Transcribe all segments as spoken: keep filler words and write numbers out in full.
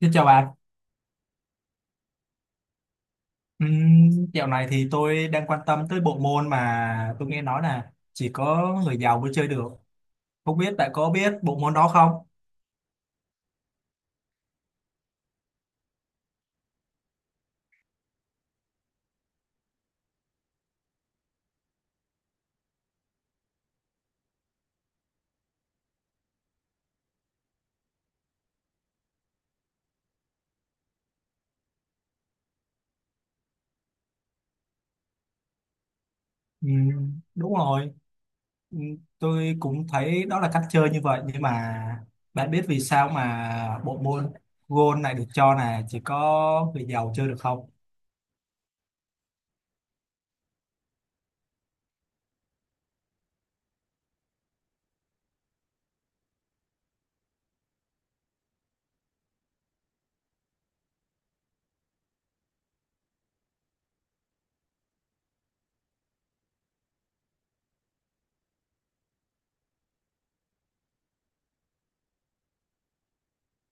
Xin chào bạn. Ừm, dạo này thì tôi đang quan tâm tới bộ môn mà tôi nghe nói là chỉ có người giàu mới chơi được. Không biết bạn có biết bộ môn đó không? Ừm, đúng rồi. Ừm, tôi cũng thấy đó là cách chơi như vậy, nhưng mà bạn biết vì sao mà bộ môn golf này được cho là chỉ có người giàu chơi được không?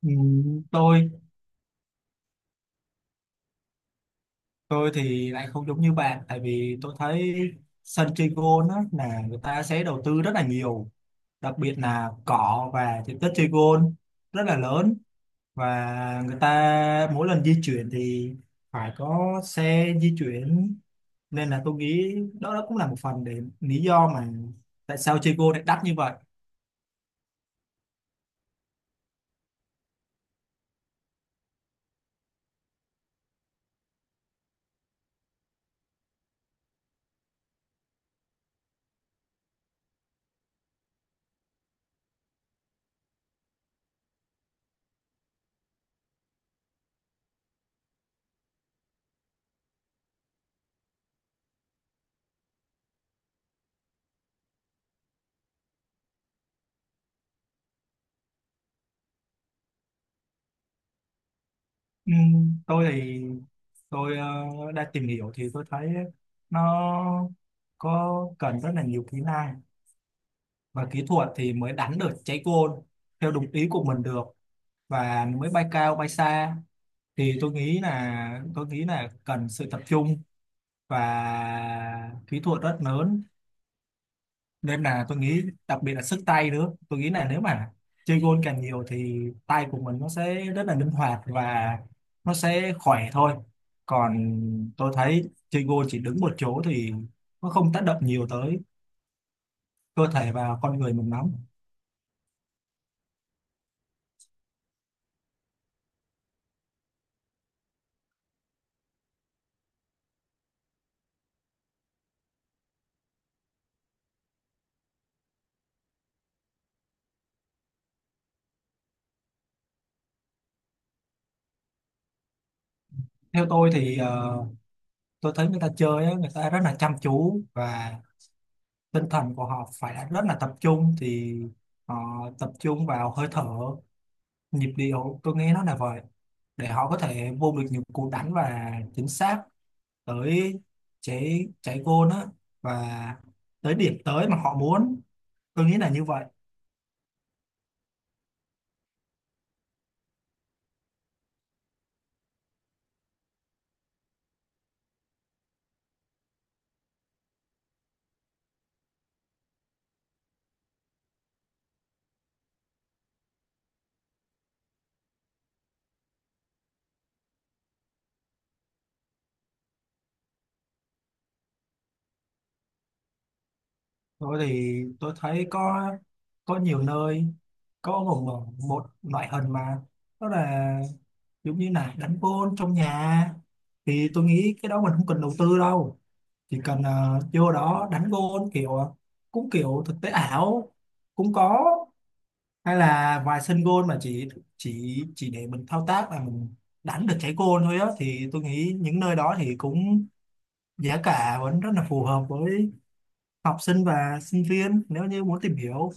Ừm, tôi tôi thì lại không giống như bạn, tại vì tôi thấy sân chơi golf á là người ta sẽ đầu tư rất là nhiều, đặc biệt là cỏ và diện tích chơi gôn rất là lớn, và người ta mỗi lần di chuyển thì phải có xe di chuyển, nên là tôi nghĩ đó, đó cũng là một phần, để lý do mà tại sao chơi gôn lại đắt như vậy. Ừm, tôi thì tôi ờ, đã tìm hiểu thì tôi thấy nó có cần rất là nhiều kỹ năng và kỹ thuật thì mới đánh được trái gôn theo đúng ý của mình được, và mới bay cao bay xa. Thì tôi nghĩ là tôi nghĩ là cần sự tập trung và kỹ thuật rất lớn, nên là tôi nghĩ đặc biệt là sức tay nữa, tôi nghĩ là nếu mà chơi gôn càng nhiều thì tay của mình nó sẽ rất là linh hoạt, và nó sẽ khỏe thôi. Còn tôi thấy chơi gôn chỉ đứng một chỗ thì nó không tác động nhiều tới cơ thể và con người mình lắm. Theo tôi thì ờ, tôi thấy người ta chơi á, người ta rất là chăm chú, và tinh thần của họ phải là rất là tập trung, thì họ tập trung vào hơi thở, nhịp điệu, tôi nghe nó là vậy, để họ có thể vô được những cú đánh và chính xác tới trái trái goal á, và tới điểm tới mà họ muốn. Tôi nghĩ là như vậy. Tôi thì tôi thấy có có nhiều nơi, có một một một loại hình mà đó là giống như là đánh gôn trong nhà, thì tôi nghĩ cái đó mình không cần đầu tư đâu, chỉ cần ờ, vô đó đánh gôn kiểu ờ, cũng kiểu thực tế ảo cũng có, hay là vài sân gôn mà chỉ chỉ chỉ để mình thao tác là mình đánh được trái gôn thôi á, thì tôi nghĩ những nơi đó thì cũng giá cả vẫn rất là phù hợp với học sinh và sinh viên nếu như muốn tìm hiểu.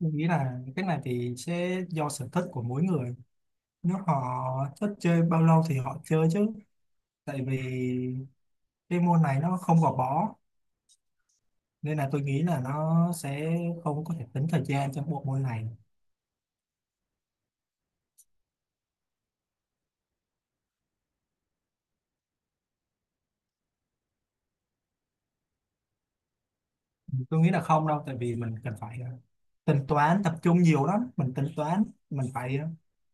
Tôi nghĩ là cái này thì sẽ do sở thích của mỗi người, nếu họ thích chơi bao lâu thì họ chơi chứ, tại vì cái môn này nó không gò bó, nên là tôi nghĩ là nó sẽ không có thể tính thời gian trong bộ môn này. Tôi nghĩ là không đâu, tại vì mình cần phải ờ, tính toán tập trung nhiều lắm, mình tính toán mình phải ờ,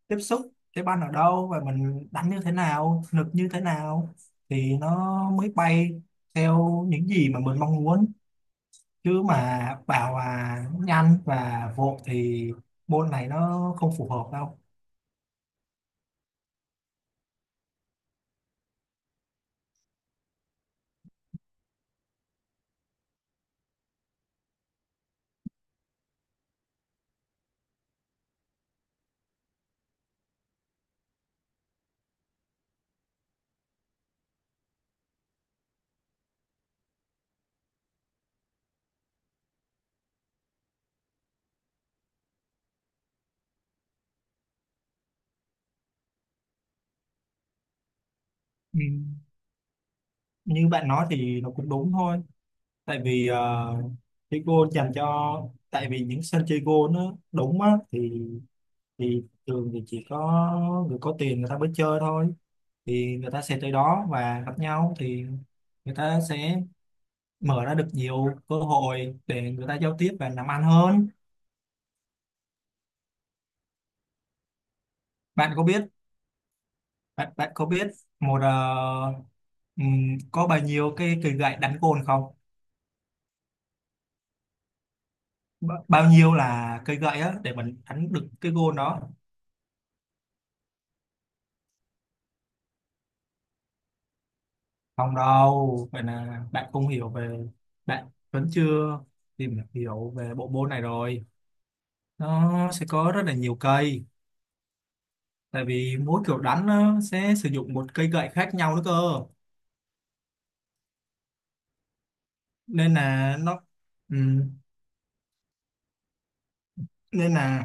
tiếp xúc cái banh ở đâu và mình đánh như thế nào, lực như thế nào, thì nó mới bay theo những gì mà mình mong muốn, chứ mà bảo là nhanh và vội thì môn này nó không phù hợp đâu. Ừ. Như bạn nói thì nó cũng đúng thôi, tại vì uh, cái goal dành cho, tại vì những sân chơi goal nó đúng á thì thì thường thì chỉ có người có tiền người ta mới chơi thôi, thì người ta sẽ tới đó và gặp nhau thì người ta sẽ mở ra được nhiều cơ hội để người ta giao tiếp và làm ăn hơn. Bạn có biết, bạn bạn có biết một ờ, ừm, có bao nhiêu cái cây gậy đánh gôn không? Ba- bao nhiêu là cây gậy á để mình đánh được cái gôn đó? Không đâu, vậy là bạn không hiểu về, bạn vẫn chưa tìm hiểu về bộ môn này rồi. Nó sẽ có rất là nhiều cây, tại vì mỗi kiểu đánh nó sẽ sử dụng một cây gậy khác nhau nữa cơ. Nên là nó ừ, nên là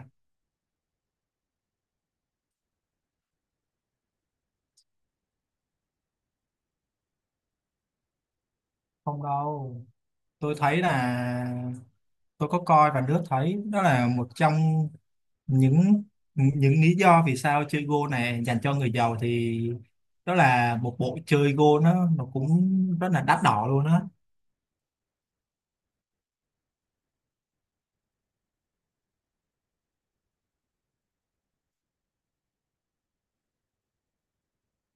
không đâu, tôi thấy là tôi có coi và đứa thấy đó là một trong những những lý do vì sao chơi Go này dành cho người giàu, thì đó là một bộ chơi Go nó nó cũng rất là đắt đỏ luôn á.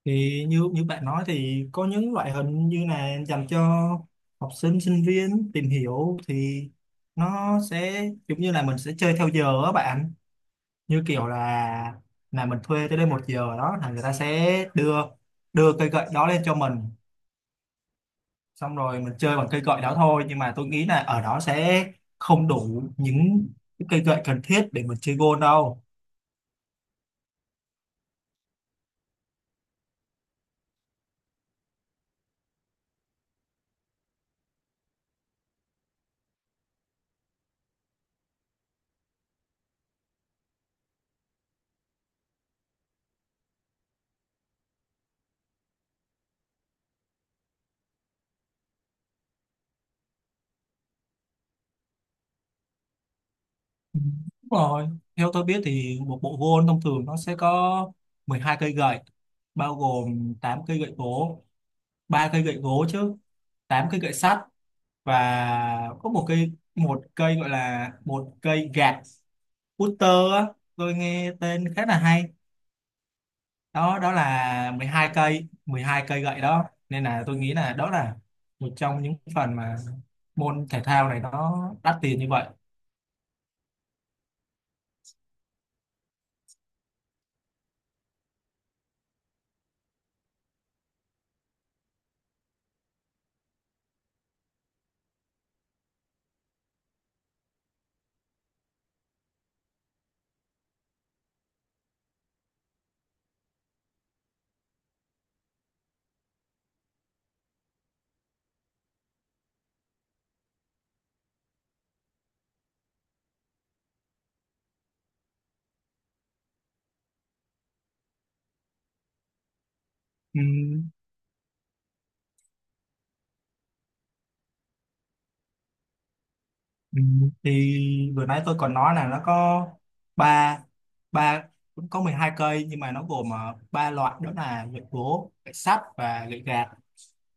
Thì như như bạn nói thì có những loại hình như là dành cho học sinh sinh viên tìm hiểu, thì nó sẽ giống như là mình sẽ chơi theo giờ á bạn, như kiểu là là mình thuê tới đây một giờ đó, là người ta sẽ đưa đưa cây gậy đó lên cho mình, xong rồi mình chơi bằng cây gậy đó thôi, nhưng mà tôi nghĩ là ở đó sẽ không đủ những cái cây gậy cần thiết để mình chơi gôn đâu. Ừ, đúng rồi. Theo tôi biết thì một bộ gôn thông thường nó sẽ có mười hai cây gậy, bao gồm tám cây gậy gỗ, ba cây gậy gỗ chứ, tám cây gậy sắt, và có một cây một cây gọi là một cây gạt, putter á, tôi nghe tên khá là hay. Đó đó là mười hai cây, mười hai cây gậy đó. Nên là tôi nghĩ là đó là một trong những phần mà môn thể thao này nó đắt tiền như vậy. Ừ. Ừ, thì vừa nãy tôi còn nói là nó có ba ba cũng có mười hai cây, nhưng mà nó gồm ờ, ba loại, đó là gậy gỗ, gậy sắt và gậy gạt,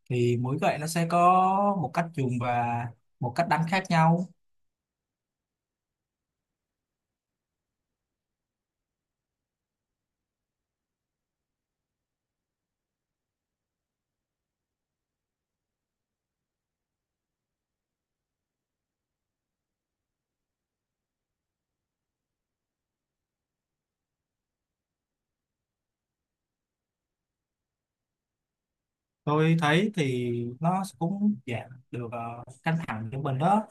thì mỗi gậy nó sẽ có một cách dùng và một cách đánh khác nhau. Tôi thấy thì nó cũng giảm được ờ, căng thẳng cho mình đó.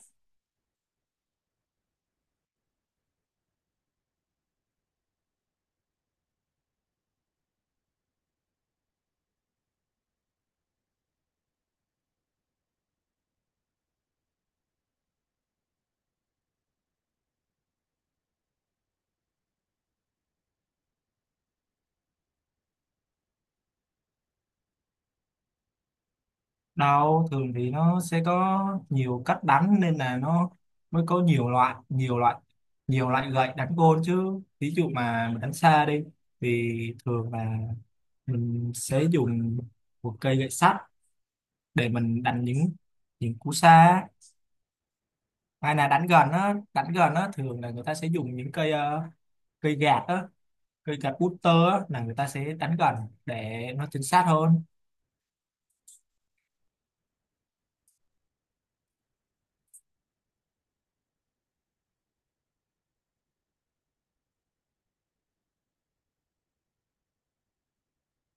Đâu, thường thì nó sẽ có nhiều cách đánh, nên là nó mới có nhiều loại nhiều loại nhiều loại gậy đánh gôn chứ. Ví dụ mà mình đánh xa đi thì thường là mình sẽ dùng một cây gậy sắt để mình đánh những những cú xa, hay là đánh gần á, đánh gần á thường là người ta sẽ dùng những cây ờ, cây gạt á, cây gạt putter á là người ta sẽ đánh gần để nó chính xác hơn.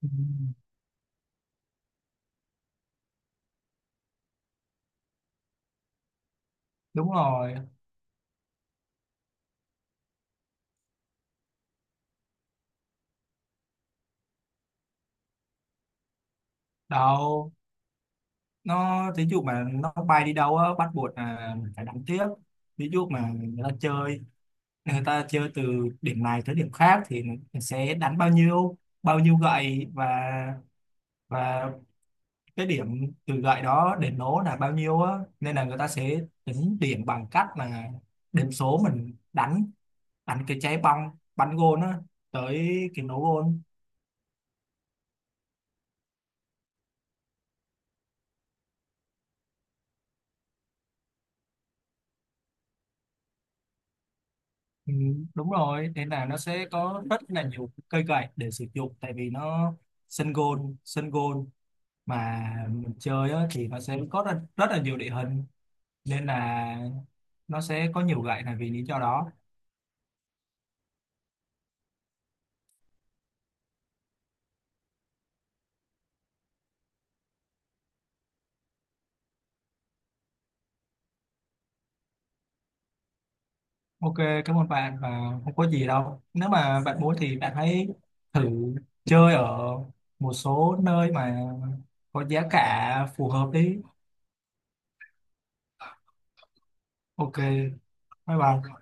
Ừ, đúng rồi. Đâu, nó ví dụ mà nó bay đi đâu á, bắt buộc là mình phải đánh tiếp. Ví dụ mà người ta chơi người ta chơi từ điểm này tới điểm khác thì mình sẽ đánh bao nhiêu bao nhiêu gậy, và và cái điểm từ gậy đó đến nổ là bao nhiêu á, nên là người ta sẽ tính điểm bằng cách là điểm số mình đánh, đánh cái trái bóng bắn gôn á tới cái nổ gôn. Ừ, đúng rồi, nên là nó sẽ có rất là nhiều cây gậy để sử dụng, tại vì nó, sân gôn sân gôn mà mình chơi á, thì nó sẽ có rất, rất là nhiều địa hình, nên là nó sẽ có nhiều gậy là vì lý do đó. Ok, cảm ơn bạn. Và không có gì đâu, nếu mà bạn muốn thì bạn hãy thử chơi ở một số nơi mà có giá cả phù hợp đi. Ok, bye bye.